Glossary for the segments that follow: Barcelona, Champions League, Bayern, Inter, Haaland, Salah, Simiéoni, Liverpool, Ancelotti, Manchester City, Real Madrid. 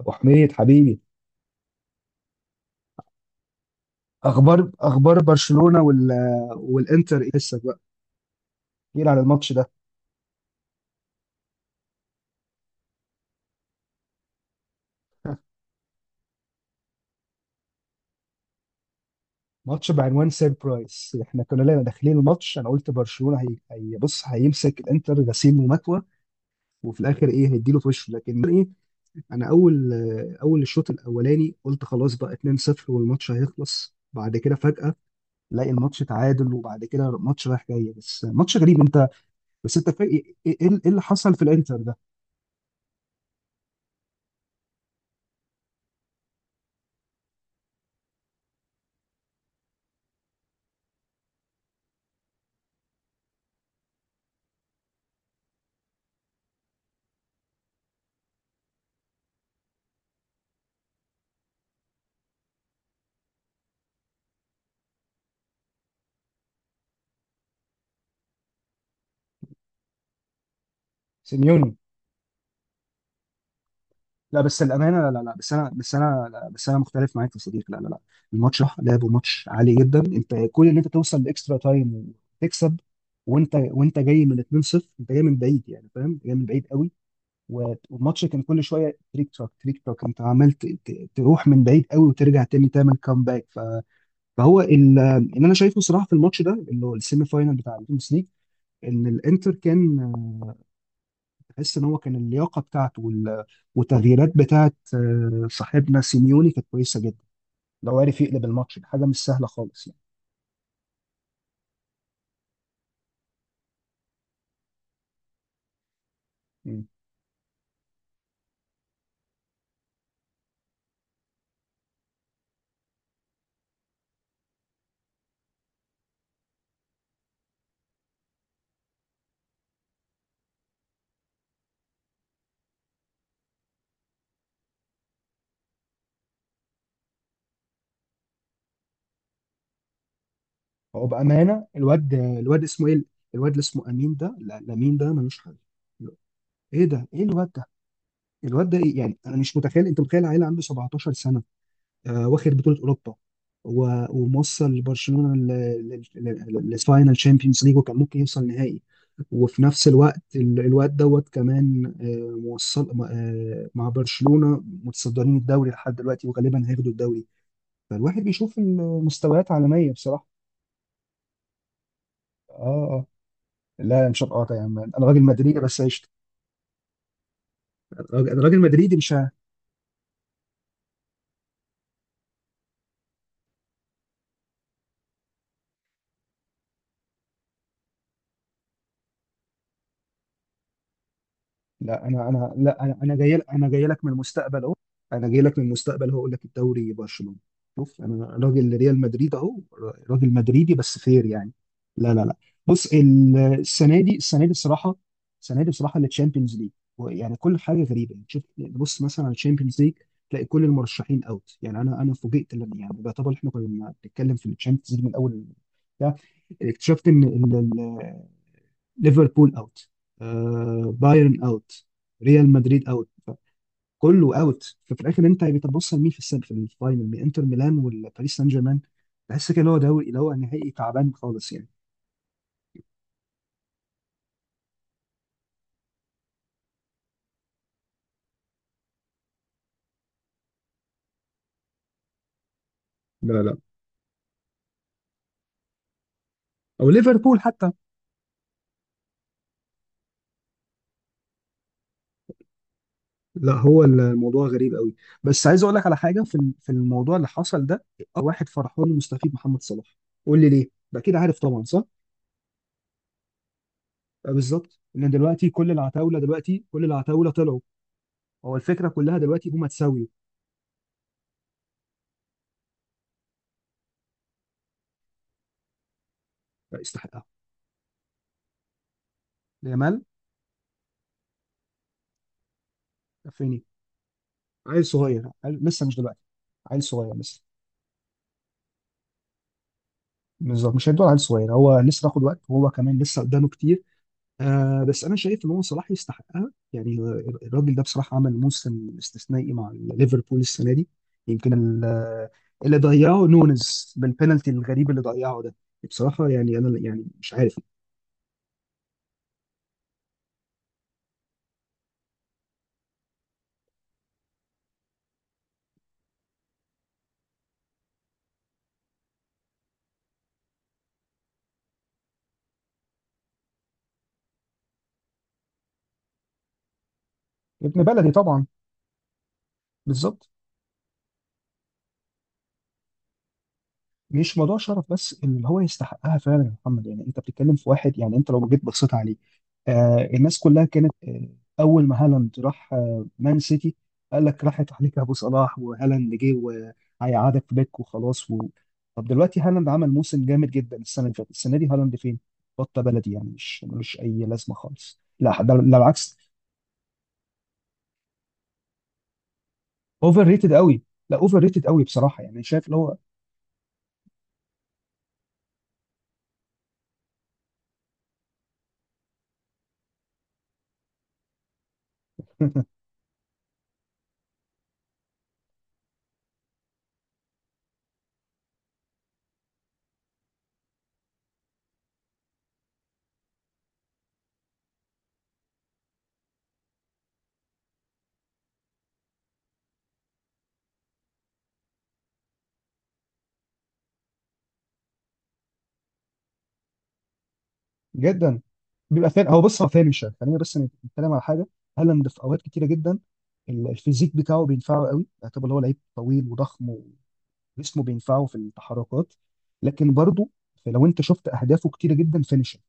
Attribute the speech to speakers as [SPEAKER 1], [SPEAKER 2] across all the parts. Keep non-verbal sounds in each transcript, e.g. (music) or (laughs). [SPEAKER 1] ابو حميد حبيبي، اخبار برشلونه والانتر ايه لسه بقى؟ احكي على الماتش ده. ماتش بعنوان سيربرايز، احنا كنا لنا داخلين الماتش، انا قلت برشلونه هي هي، بص، هيمسك الانتر غسيل ومكوى، وفي الاخر ايه، هيديله في وشه. لكن ايه، انا اول اول الشوط الاولاني قلت خلاص بقى، 2-0 والماتش هيخلص. بعد كده فجأة لاقي الماتش تعادل، وبعد كده ماتش رايح جاي، بس ماتش غريب. انت بس انت فا- ايه إيه- إيه اللي حصل في الانتر ده؟ سيميوني. لا، بس انا مختلف معاك يا صديقي، لا. الماتش راح لعب، وماتش عالي جدا. انت كل ان انت توصل لاكسترا تايم وتكسب، وانت جاي من 2-0، انت جاي من بعيد يعني، فاهم، جاي من بعيد قوي. والماتش كان كل شويه تريك تراك تريك تراك، انت عملت تروح من بعيد قوي وترجع تاني تعمل كامباك. اللي انا شايفه صراحه في الماتش ده، اللي هو السيمي فاينال بتاع الشامبيونز ليج، ان الانتر كان، تحس ان هو كان اللياقه بتاعته والتغييرات بتاعت صاحبنا سيميوني كانت كويسه جدا. لو عرف يقلب الماتش دي حاجه مش سهله خالص يعني. مم. هو بامانه، الواد اسمه ايه؟ الواد اللي اسمه امين ده، لا، لامين ده ملوش حل. ايه ده ايه الواد ده، الواد ده إيه؟ يعني انا مش متخيل. انت متخيل عيل عنده 17 سنه؟ آه، واخد بطولة أوروبا، وموصل برشلونة للفاينال تشامبيونز ليج وكان ممكن يوصل نهائي. وفي نفس الوقت الواد دوت كمان، موصل، مع برشلونة متصدرين الدوري لحد دلوقتي، وغالبا هياخدوا الدوري. فالواحد بيشوف المستويات عالمية بصراحة. اه، اه، لا، مش هبقى قاطع يا عم، انا راجل مدريدي بس عشت. انا راجل، أنا راجل مدريدي مش... لا، انا جاي لك من المستقبل اهو. انا جاي لك من المستقبل، هقول لك الدوري برشلونة. شوف، انا راجل ريال مدريد اهو، راجل مدريدي بس فير يعني. لا. بص، السنه دي بصراحه التشامبيونز ليج، يعني كل حاجه غريبه يعني. شوف، بص مثلا على الشامبيونز ليج، تلاقي كل المرشحين اوت. يعني انا فوجئت لما، يعني بيعتبر احنا كنا بنتكلم في الشامبيونز ليج من اول يعني، اكتشفت ان ليفربول اوت، آه، بايرن اوت، ريال مدريد اوت، كله اوت. ففي الاخر انت يعني بتبص لمين في السبب في الفاينل من انتر ميلان والباريس سان جيرمان، تحس كده اللي هو دوري، اللي هو نهائي تعبان خالص يعني. لا، او ليفربول حتى. لا، هو الموضوع غريب قوي. بس عايز اقول لك على حاجه في الموضوع اللي حصل ده، أكتر واحد فرحان ومستفيد محمد صلاح. قول لي ليه ده كده، عارف طبعا، صح؟ آه، بالظبط، ان دلوقتي كل العتاوله، دلوقتي كل العتاوله طلعوا. هو الفكره كلها دلوقتي هم تساويوا. لا، يستحقها، يامال فيني، عيل صغير، عيل لسه، مش دلوقتي. عيل صغير لسه بالظبط، مش هيدور على عيل صغير. هو لسه هياخد وقت، وهو كمان لسه قدامه كتير. آه، بس انا شايف ان هو صلاح يستحقها يعني. الراجل ده بصراحه عمل موسم استثنائي مع ليفربول السنه دي. يمكن اللي ضيعه نونز بالبينالتي الغريب اللي ضيعه ده، بصراحه يعني انا يعني مش عارف. ابن بلدي طبعا، بالظبط. مش موضوع شرف بس، اللي هو يستحقها فعلا يا محمد. يعني انت بتتكلم في واحد، يعني انت لو جيت بصيت عليه، الناس كلها كانت، اول ما هالاند راح مان سيتي، قال لك راحت عليك ابو صلاح وهالاند جه، وهيقعدك في دك وخلاص و... طب دلوقتي هالاند عمل موسم جامد جدا السنه اللي فاتت، السنه دي هالاند فين؟ بطه بلدي يعني، مش ملوش اي لازمه خالص، لا، ده بالعكس، اوفر ريتد قوي. لا، اوفر ريتد قوي بصراحه. يعني شايف اللي هو، (laughs) جدا. بيبقى فين هو؟ بص، هو فينشر، خلينا بس نتكلم على حاجه. هالاند في اوقات كتيره جدا الفيزيك بتاعه بينفعه قوي، يعتبر اللي هو لعيب طويل وضخم، جسمه بينفعه في التحركات. لكن برضه، لو انت شفت اهدافه كتيره جدا فينشر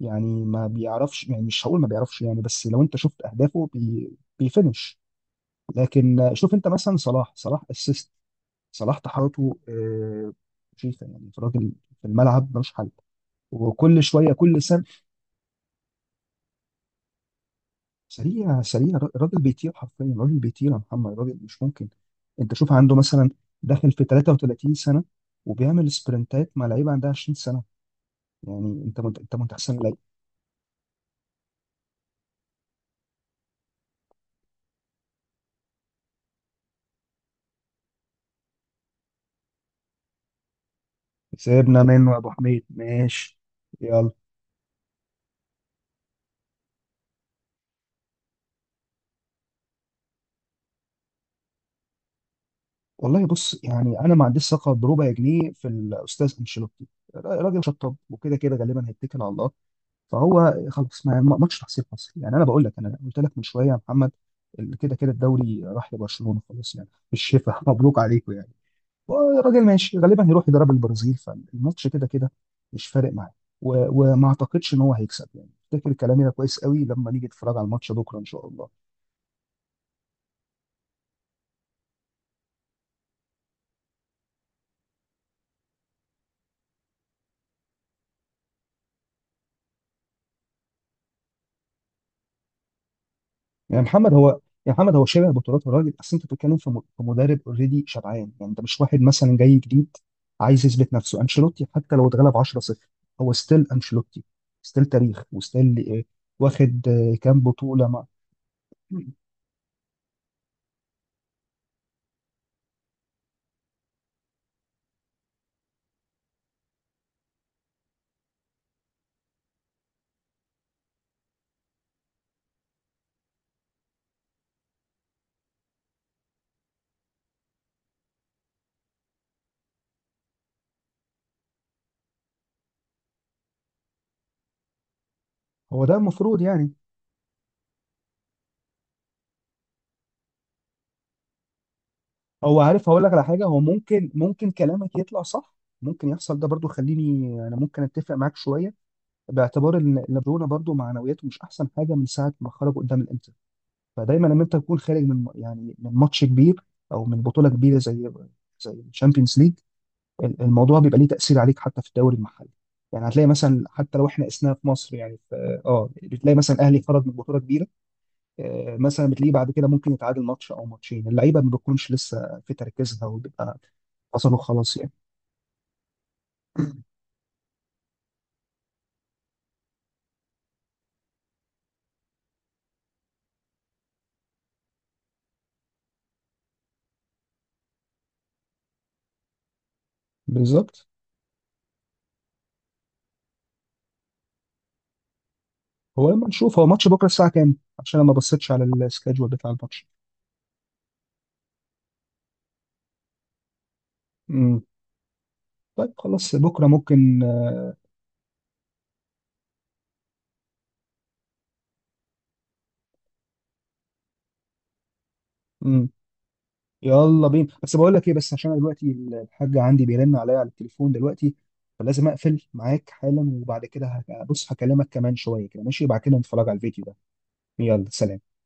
[SPEAKER 1] يعني، ما بيعرفش يعني، مش هقول ما بيعرفش يعني، بس لو انت شفت اهدافه بي، بيفنش. لكن شوف انت مثلا صلاح. صلاح اسيست، صلاح تحركاته مخيفه يعني. في الراجل في الملعب ملوش حل، وكل شويه كل سنه سريع، سريع، الراجل بيطير حرفيا، راجل بيطير يا محمد، الراجل مش ممكن. انت شوف عنده مثلا داخل في 33 سنه، وبيعمل سبرنتات مع لعيبه عندها 20 سنه. يعني انت انت متحسن لي. سيبنا منه يا ابو حميد، ماشي. يلا. والله بص، يعني انا ما عنديش ثقه بربع جنيه في الاستاذ انشيلوتي. راجل شطب، وكده كده غالبا هيتكل على الله. فهو خلاص، ماتش تحصيل حصل يعني. انا بقول لك، انا قلت لك من شويه يا محمد، كده كده الدوري راح لبرشلونه خلاص يعني، بالشفا، (laughs) مبروك عليكم يعني. الراجل ماشي غالبا، هيروح يضرب البرازيل، فالماتش كده كده مش فارق معاه، و... وما اعتقدش ان هو هيكسب. يعني افتكر كلامي ده كويس قوي لما نيجي نتفرج على الماتش بكره ان شاء الله. يعني محمد، هو، يا محمد هو شبه بطولات الراجل. اصل انت بتتكلم في في مدرب اوريدي شبعان. يعني انت مش واحد مثلا جاي جديد عايز يثبت نفسه. انشيلوتي حتى لو اتغلب 10-0 هو ستيل انشيلوتي. ستيل تاريخ، وستيل واخد كام بطولة مع... هو ده المفروض يعني. هو عارف، هقول لك على حاجة. هو ممكن كلامك يطلع صح. ممكن يحصل ده برضو. خليني، انا ممكن اتفق معاك شوية، باعتبار ان برشلونة برضو معنوياته مش احسن حاجة من ساعة ما خرجوا قدام الانتر. فدايما لما انت تكون خارج من يعني من ماتش كبير، او من بطوله كبيره، زي الشامبيونز ليج، الموضوع بيبقى ليه تاثير عليك حتى في الدوري المحلي. يعني هتلاقي مثلا، حتى لو احنا قسناها في مصر، يعني في اه، بتلاقي مثلا اهلي خرج من بطوله كبيره، آه مثلا بتلاقيه بعد كده ممكن يتعادل ماتش او ماتشين، اللعيبه ما بتكونش لسه في تركيزها، وبيبقى، حصلوا خلاص يعني. بالظبط. هو لما نشوف، هو ماتش بكره الساعه كام؟ عشان انا ما بصيتش على السكادجول بتاع الماتش. امم. طيب خلاص، بكره ممكن. امم. يلا بينا. بس بقول لك ايه، بس عشان أنا دلوقتي الحاج عندي بيرن عليا على التليفون دلوقتي، فلازم اقفل معاك حالا، وبعد كده بص هكلمك كمان شويه كده، ماشي؟ بعد كده نتفرج على الفيديو ده. يلا سلام.